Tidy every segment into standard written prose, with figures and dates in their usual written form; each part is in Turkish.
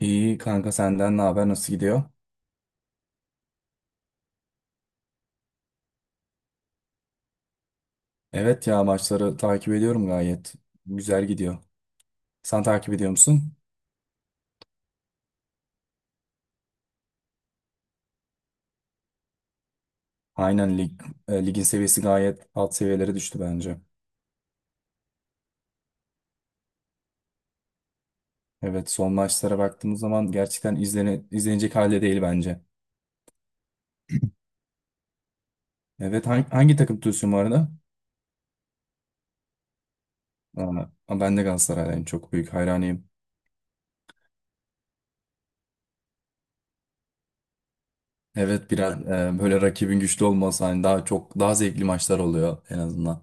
İyi kanka, senden ne haber, nasıl gidiyor? Evet ya, maçları takip ediyorum gayet. Güzel gidiyor. Sen takip ediyor musun? Aynen, ligin seviyesi gayet alt seviyelere düştü bence. Evet, son maçlara baktığımız zaman gerçekten izlenecek halde değil bence. Evet, hangi takım tutuyorsun bu arada? Aa, ben de Galatasaraylıyım, çok büyük hayranıyım. Evet, biraz böyle rakibin güçlü olması hani daha çok daha zevkli maçlar oluyor en azından.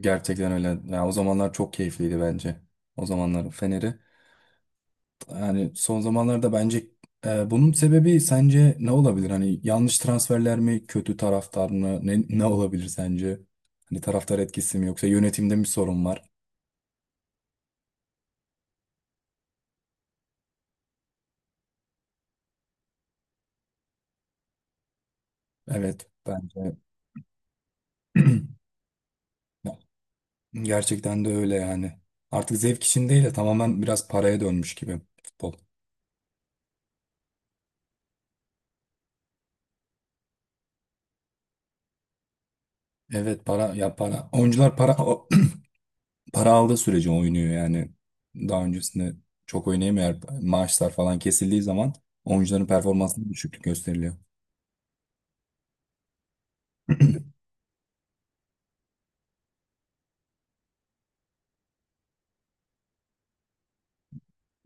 Gerçekten öyle. Ya, o zamanlar çok keyifliydi bence. O zamanlar Fener'i. Yani son zamanlarda bence bunun sebebi sence ne olabilir? Hani yanlış transferler mi, kötü taraftar mı? Ne olabilir sence? Hani taraftar etkisi mi yoksa yönetimde mi sorun var? Evet bence gerçekten de öyle yani. Artık zevk için değil de tamamen biraz paraya dönmüş gibi futbol. Evet, para ya para. Oyuncular para para aldığı sürece oynuyor yani. Daha öncesinde çok oynayamıyor. Maaşlar falan kesildiği zaman oyuncuların performansında düşüklük gösteriliyor.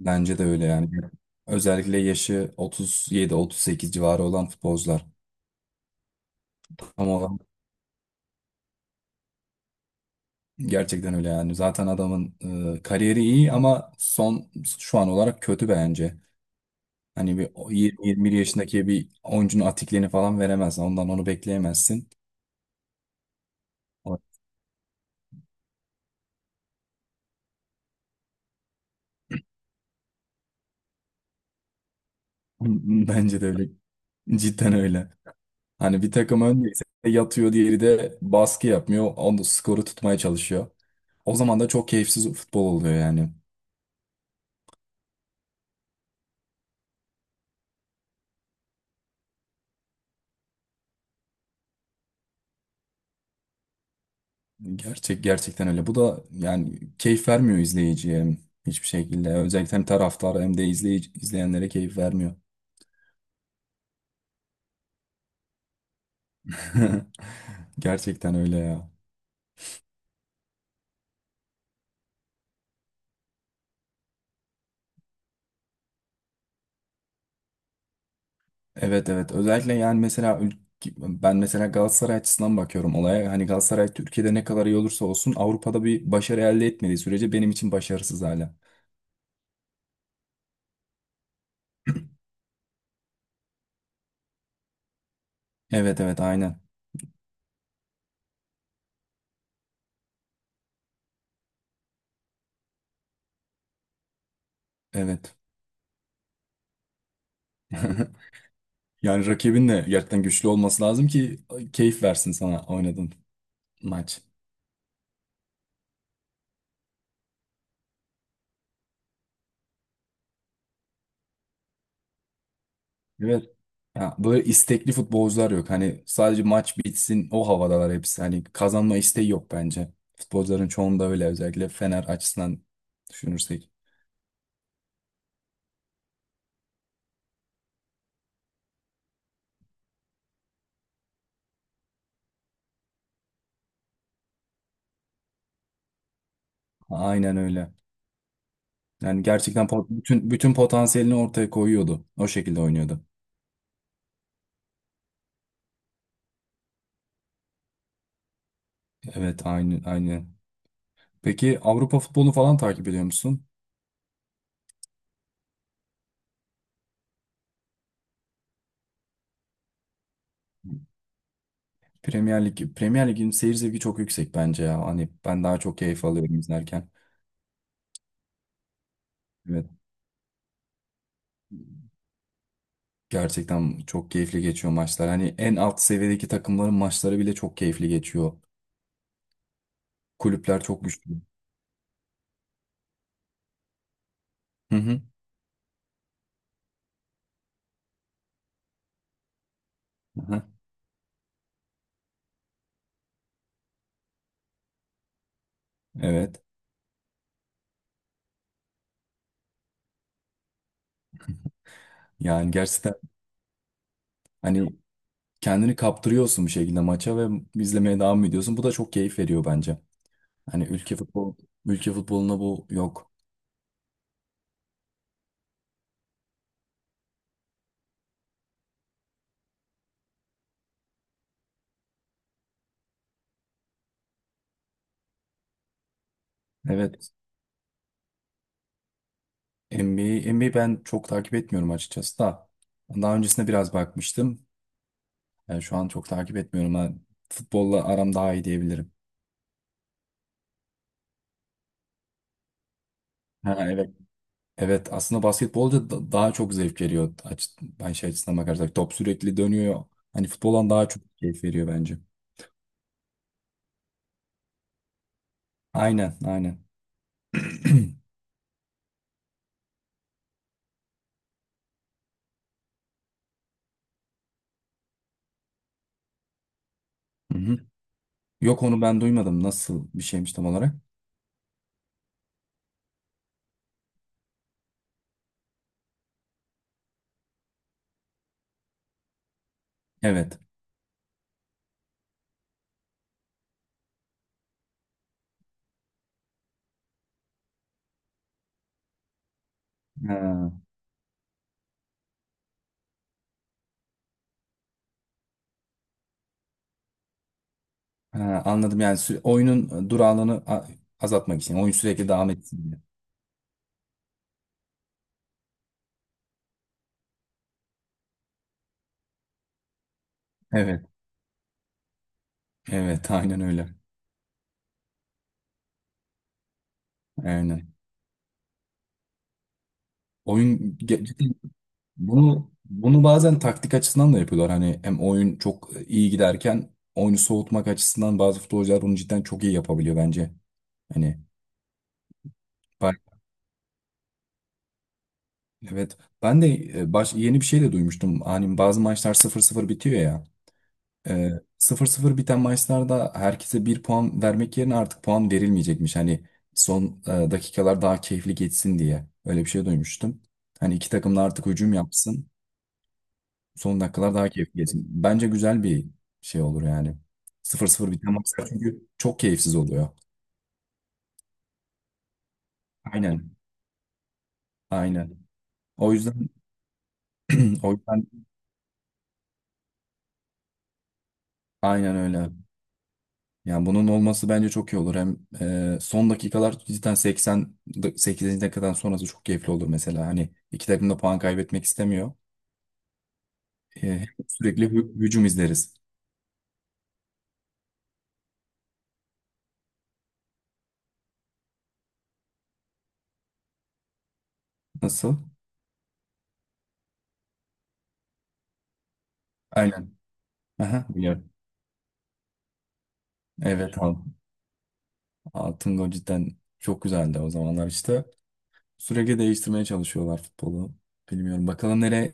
Bence de öyle yani. Özellikle yaşı 37-38 civarı olan futbolcular. Ama gerçekten öyle yani. Zaten adamın kariyeri iyi ama son, şu an olarak kötü bence. Hani bir 20-21 yaşındaki bir oyuncunun atikliğini falan veremez. Ondan onu bekleyemezsin. O- Bence de öyle. Cidden öyle. Hani bir takım öndeyse yatıyor, diğeri de baskı yapmıyor. Onu skoru tutmaya çalışıyor. O zaman da çok keyifsiz futbol oluyor yani. Gerçekten öyle. Bu da yani keyif vermiyor izleyiciye hiçbir şekilde. Özellikle hem taraftara hem de izleyenlere keyif vermiyor. Gerçekten öyle ya. Evet evet. Özellikle yani mesela ben mesela Galatasaray açısından bakıyorum olaya. Hani Galatasaray Türkiye'de ne kadar iyi olursa olsun Avrupa'da bir başarı elde etmediği sürece benim için başarısız hala. Evet evet, aynen. Evet. Yani rakibin de gerçekten güçlü olması lazım ki keyif versin sana oynadığın maç. Evet. Ya, böyle istekli futbolcular yok. Hani sadece maç bitsin, o havadalar hepsi. Hani kazanma isteği yok bence. Futbolcuların çoğunda öyle, özellikle Fener açısından düşünürsek. Aynen öyle. Yani gerçekten bütün potansiyelini ortaya koyuyordu. O şekilde oynuyordu. Evet, aynı aynı. Peki Avrupa futbolunu falan takip ediyor musun? Premier Lig'in seyir zevki çok yüksek bence ya. Hani ben daha çok keyif alıyorum izlerken. Evet. Gerçekten çok keyifli geçiyor maçlar. Hani en alt seviyedeki takımların maçları bile çok keyifli geçiyor. Kulüpler çok güçlü. Hı hı. Hı hı. Evet. Yani gerçekten hani kendini kaptırıyorsun bir şekilde maça ve izlemeye devam ediyorsun. Bu da çok keyif veriyor bence. Hani ülke futboluna bu yok. Evet. NBA ben çok takip etmiyorum açıkçası da. Daha öncesinde biraz bakmıştım. Yani şu an çok takip etmiyorum. Ben futbolla aram daha iyi diyebilirim. Ha, evet. Evet, aslında basketbolda daha çok zevk veriyor. Ben şey açısından bakarsak top sürekli dönüyor. Hani futboldan daha çok keyif veriyor bence. Aynen aynen. Hı hı. Yok, onu ben duymadım. Nasıl bir şeymiş tam olarak? Evet. Ha, ha, anladım, yani oyunun durağanlığını azaltmak için. Oyun sürekli devam etsin diye. Evet. Evet, aynen öyle. Aynen. Oyun ge- bunu bazen taktik açısından da yapıyorlar. Hani hem oyun çok iyi giderken oyunu soğutmak açısından bazı futbolcular bunu cidden çok iyi yapabiliyor bence. Hani bak, evet ben de yeni bir şey de duymuştum. Hani bazı maçlar sıfır sıfır bitiyor ya. E, sıfır 0 biten maçlarda herkese bir puan vermek yerine artık puan verilmeyecekmiş. Hani son dakikalar daha keyifli geçsin diye. Öyle bir şey duymuştum. Hani iki takım da artık hücum yapsın. Son dakikalar daha keyifli geçsin. Bence güzel bir şey olur yani. 0-0 biten maçlar çünkü çok keyifsiz oluyor. Aynen. Aynen. O yüzden o yüzden aynen öyle. Yani bunun olması bence çok iyi olur. Hem son dakikalar cidden 80 dakikadan sonrası çok keyifli olur mesela. Hani iki takım da puan kaybetmek istemiyor. Hem sürekli hücum izleriz. Nasıl? Aynen. Aha, biliyorum. Evet abi. Altın gol cidden çok güzeldi o zamanlar işte. Sürekli değiştirmeye çalışıyorlar futbolu. Bilmiyorum, bakalım nereye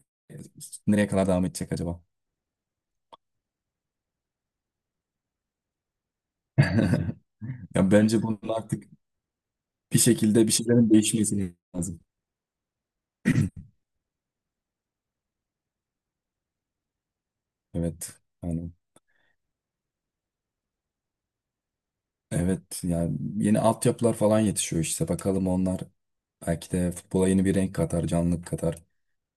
nereye kadar devam edecek acaba? Ya bence bunun artık bir şekilde bir şeylerin değişmesi lazım. Evet. Yani evet, yani yeni altyapılar falan yetişiyor işte. Bakalım onlar belki de futbola yeni bir renk katar, canlılık katar.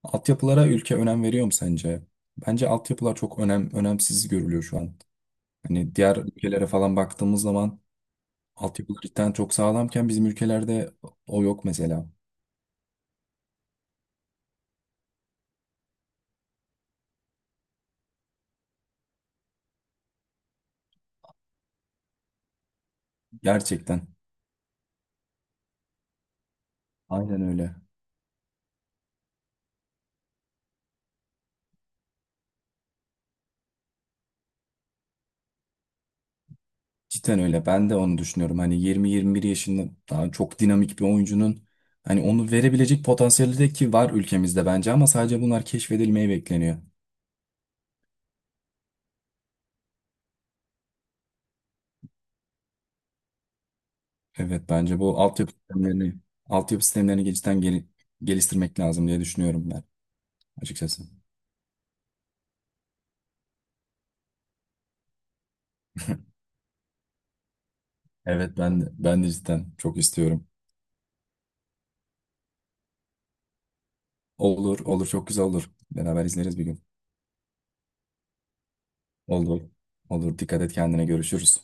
Altyapılara ülke önem veriyor mu sence? Bence altyapılar çok önemsiz görülüyor şu an. Hani diğer ülkelere falan baktığımız zaman altyapılar cidden çok sağlamken bizim ülkelerde o yok mesela. Gerçekten. Aynen öyle. Cidden öyle. Ben de onu düşünüyorum. Hani 20-21 yaşında daha çok dinamik bir oyuncunun hani onu verebilecek potansiyeli de ki var ülkemizde bence, ama sadece bunlar keşfedilmeyi bekleniyor. Evet bence bu altyapı sistemlerini cidden geliştirmek lazım diye düşünüyorum ben açıkçası. Evet, ben de cidden çok istiyorum. Olur olur, çok güzel olur. Beraber izleriz bir gün. Olur. Olur, dikkat et kendine, görüşürüz.